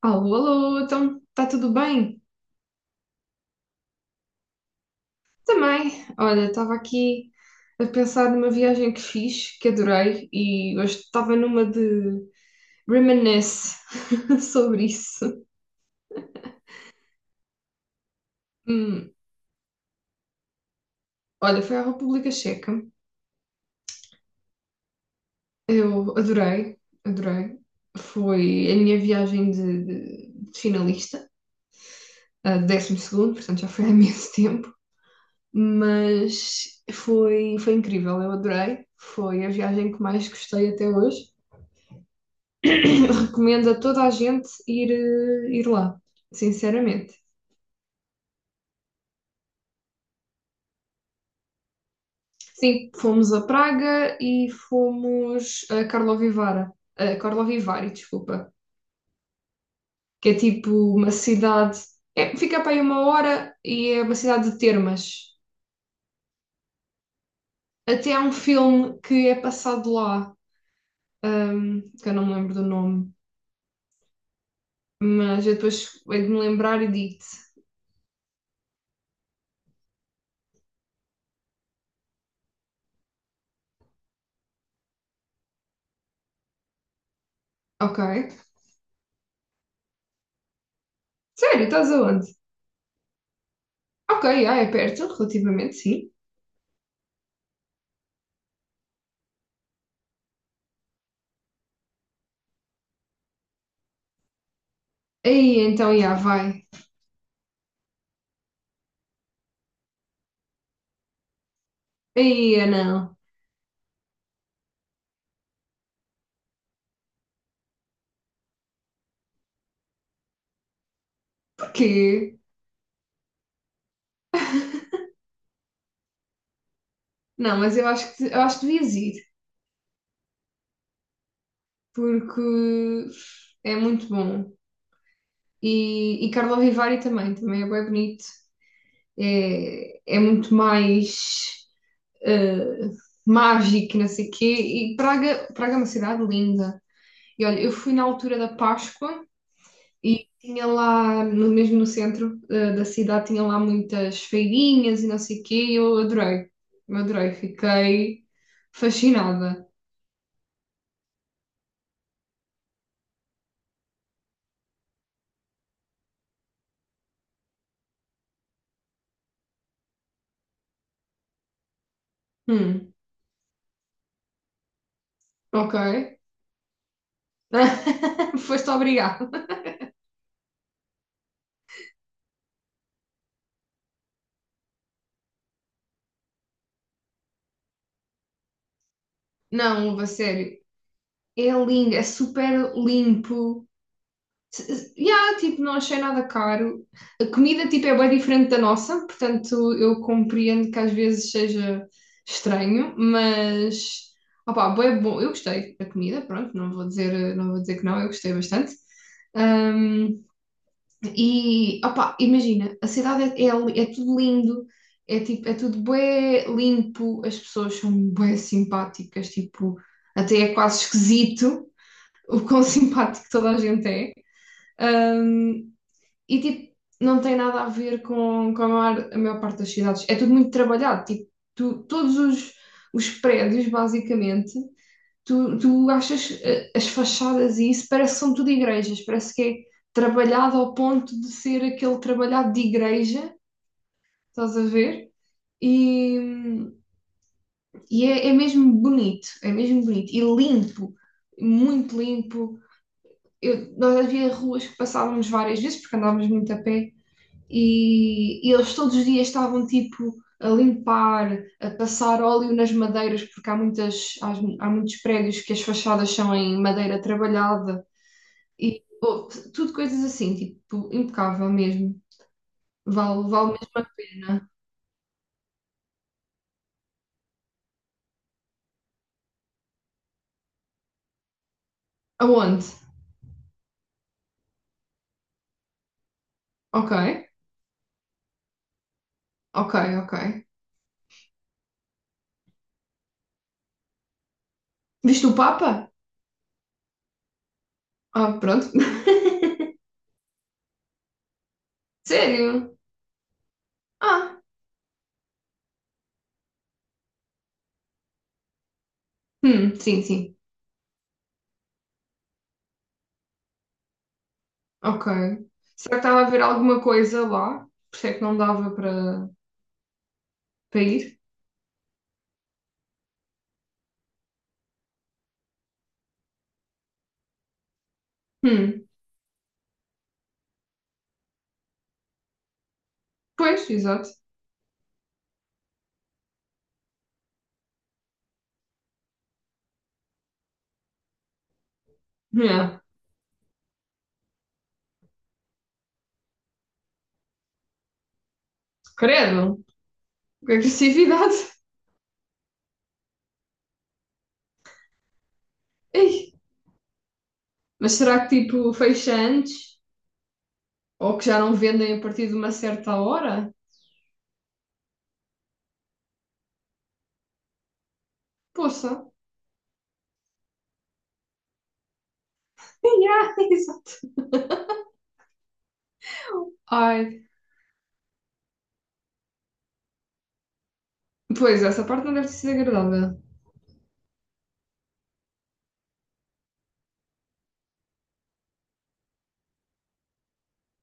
Alô, alô, então está tudo bem? Também. Olha, estava aqui a pensar numa viagem que fiz, que adorei, e hoje estava numa de reminisce sobre isso. Hum, olha, foi à República Checa. Eu adorei, adorei. Foi a minha viagem de finalista, a décimo segundo, portanto já foi há imenso tempo, mas foi incrível, eu adorei. Foi a viagem que mais gostei até hoje. Recomendo a toda a gente ir, ir lá, sinceramente. Sim, fomos a Praga e fomos a Karlovy Vary, desculpa, que é tipo uma cidade, é, fica para aí uma hora e é uma cidade de termas. Até há um filme que é passado lá, que eu não me lembro do nome, mas eu depois hei de me lembrar e digo-te. Ok. Sério, estás aonde? Ok, ah, é perto, relativamente, sim. Aí então, já vai. Aí não. Porque. Não, mas eu acho que devias ir, porque é muito bom. E Carlo Vivari também, também é bem bonito. É, é muito mais eh, mágico, não sei o quê. E Praga, Praga é uma cidade linda. E olha, eu fui na altura da Páscoa e tinha lá, no, mesmo no centro da cidade, tinha lá muitas feirinhas e não sei o quê. E eu adorei, fiquei fascinada. Hum, ok. Foste obrigado. Não, uva, sério. É lindo, é super limpo. Yeah, tipo, não achei nada caro. A comida, tipo, é bem diferente da nossa, portanto, eu compreendo que às vezes seja estranho, mas, opá, bué bom. Eu gostei da comida, pronto, não vou dizer, não vou dizer que não, eu gostei bastante. E, opá, imagina, a cidade é tudo lindo, é, tipo, é tudo bué limpo, as pessoas são bué simpáticas, tipo, até é quase esquisito o quão simpático toda a gente é. Ahm, e, tipo, não tem nada a ver com a maior parte das cidades. É tudo muito trabalhado, tipo, todos os prédios, basicamente, tu achas as fachadas e isso parece que são tudo igrejas, parece que é trabalhado ao ponto de ser aquele trabalhado de igreja, estás a ver? E, e é, é mesmo bonito e limpo, muito limpo. Nós havia ruas que passávamos várias vezes porque andávamos muito a pé e eles todos os dias estavam tipo a limpar, a passar óleo nas madeiras, porque há muitos prédios que as fachadas são em madeira trabalhada. E pô, tudo coisas assim, tipo, impecável mesmo. Vale, vale mesmo a pena. Aonde? Ok, ok, ok. Viste o Papa? Ah, pronto. Sério? Ah, sim, sim. Ok. Será que estava a ver alguma coisa lá? Por isso é que não dava para ir? Hum, pois, exato. Yeah. Credo, que agressividade. Ei, mas será que tipo fecha antes? Ou que já não vendem a partir de uma certa hora? Poça. Yeah, exato. Ai, pois, essa parte não deve ter sido agradável.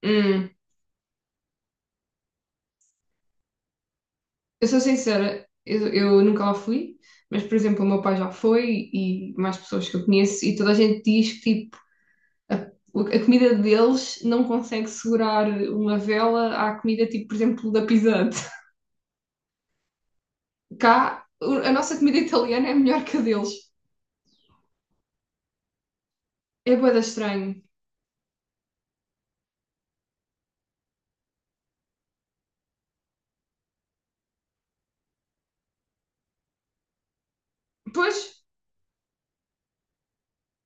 Hum, eu sou sincera, eu nunca lá fui, mas, por exemplo, o meu pai já foi e mais pessoas que eu conheço, e toda a gente diz que, tipo, a comida deles não consegue segurar uma vela à comida, tipo, por exemplo, da Pizzante. Cá, a nossa comida italiana é melhor que a deles. É bué da estranho. Pois,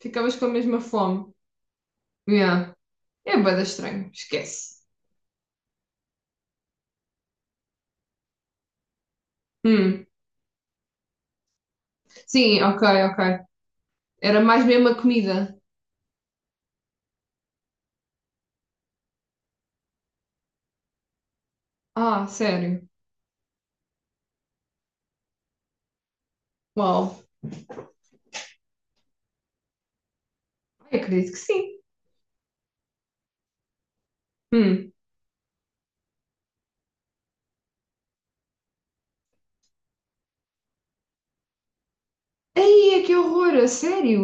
ficavas com a mesma fome. Yeah. É bué da estranho, esquece. Hum, sim, ok, ok. Era mais mesmo a comida. Ah, sério? Uau. Ai, acredito que sim. Hum. Ai, que horror, a sério?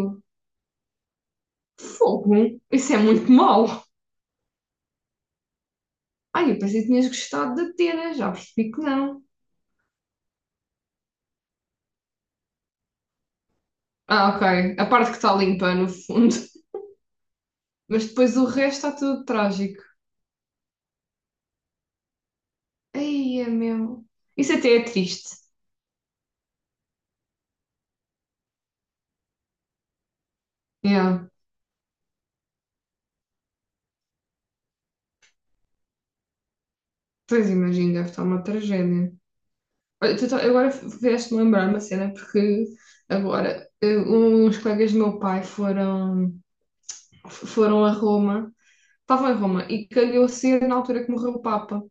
Fogo. Isso é muito mau. Ai, eu pensei que tinhas gostado da Atena, já percebi que não. Ah, ok. A parte que está limpa, no fundo. Mas depois o resto está tudo trágico. Ai, é meu. Isso até é triste. Yeah. Pois imagino, deve estar uma tragédia. Olha, agora vieste-me lembrar uma cena, porque agora uns colegas do meu pai foram, foram a Roma. Estava em Roma e calhou ser na altura que morreu o Papa.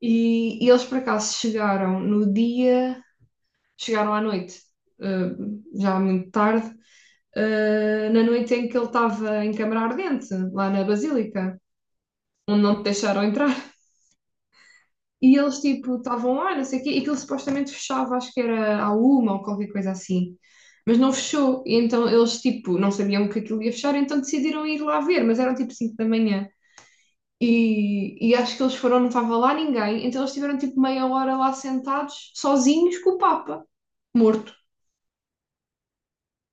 E eles por acaso chegaram no dia, chegaram à noite, eh, já muito tarde, na noite em que ele estava em câmara ardente, lá na Basílica, onde não te deixaram entrar. E eles tipo estavam lá, não sei o quê, e aquilo supostamente fechava, acho que era à uma ou qualquer coisa assim. Mas não fechou, e então eles tipo não sabiam que aquilo ia fechar, então decidiram ir lá ver, mas eram tipo 5 da manhã. E acho que eles foram, não estava lá ninguém, então eles tiveram tipo meia hora lá sentados, sozinhos, com o Papa, morto.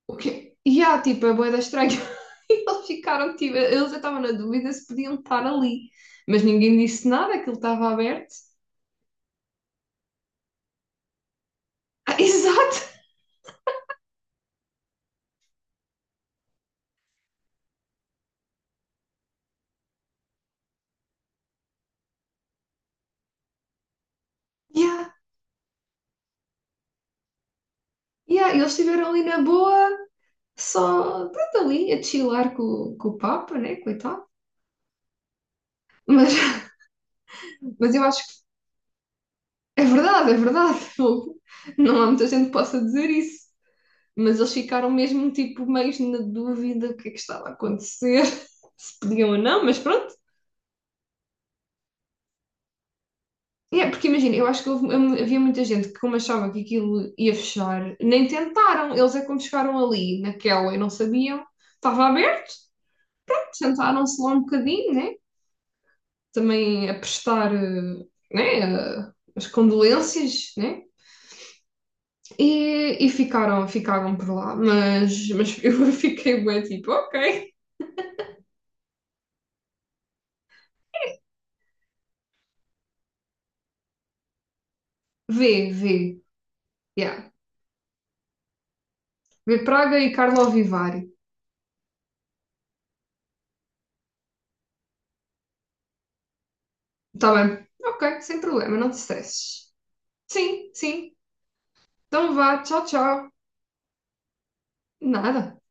O quê? E há, tipo, é bué da estranho. E eles ficaram, tipo, eles estavam na dúvida se podiam estar ali. Mas ninguém disse nada, aquilo estava aberto. Ah, exato! Yeah, yeah. Eles estiveram ali na boa, só, pronto, ali, a chilar com o Papa, né, coitado. Mas, mas eu acho que é verdade, é verdade. Não há muita gente que possa dizer isso. Mas eles ficaram mesmo tipo meio na dúvida o que é que estava a acontecer, se podiam ou não, mas pronto. É, porque imagina, eu acho que havia muita gente que, como achava que aquilo ia fechar, nem tentaram. Eles é como chegaram ali naquela e não sabiam. Estava aberto, sentaram-se lá um bocadinho, né? Também a prestar, né? As condolências, né? E ficaram, ficaram por lá. Mas eu fiquei bem tipo, ok, vê, vê. Yeah. Ver Praga e Carlo Vivari. Tá bem. Ok, sem problema, não te stresses. Sim, sim. Então vá, tchau, tchau. Nada.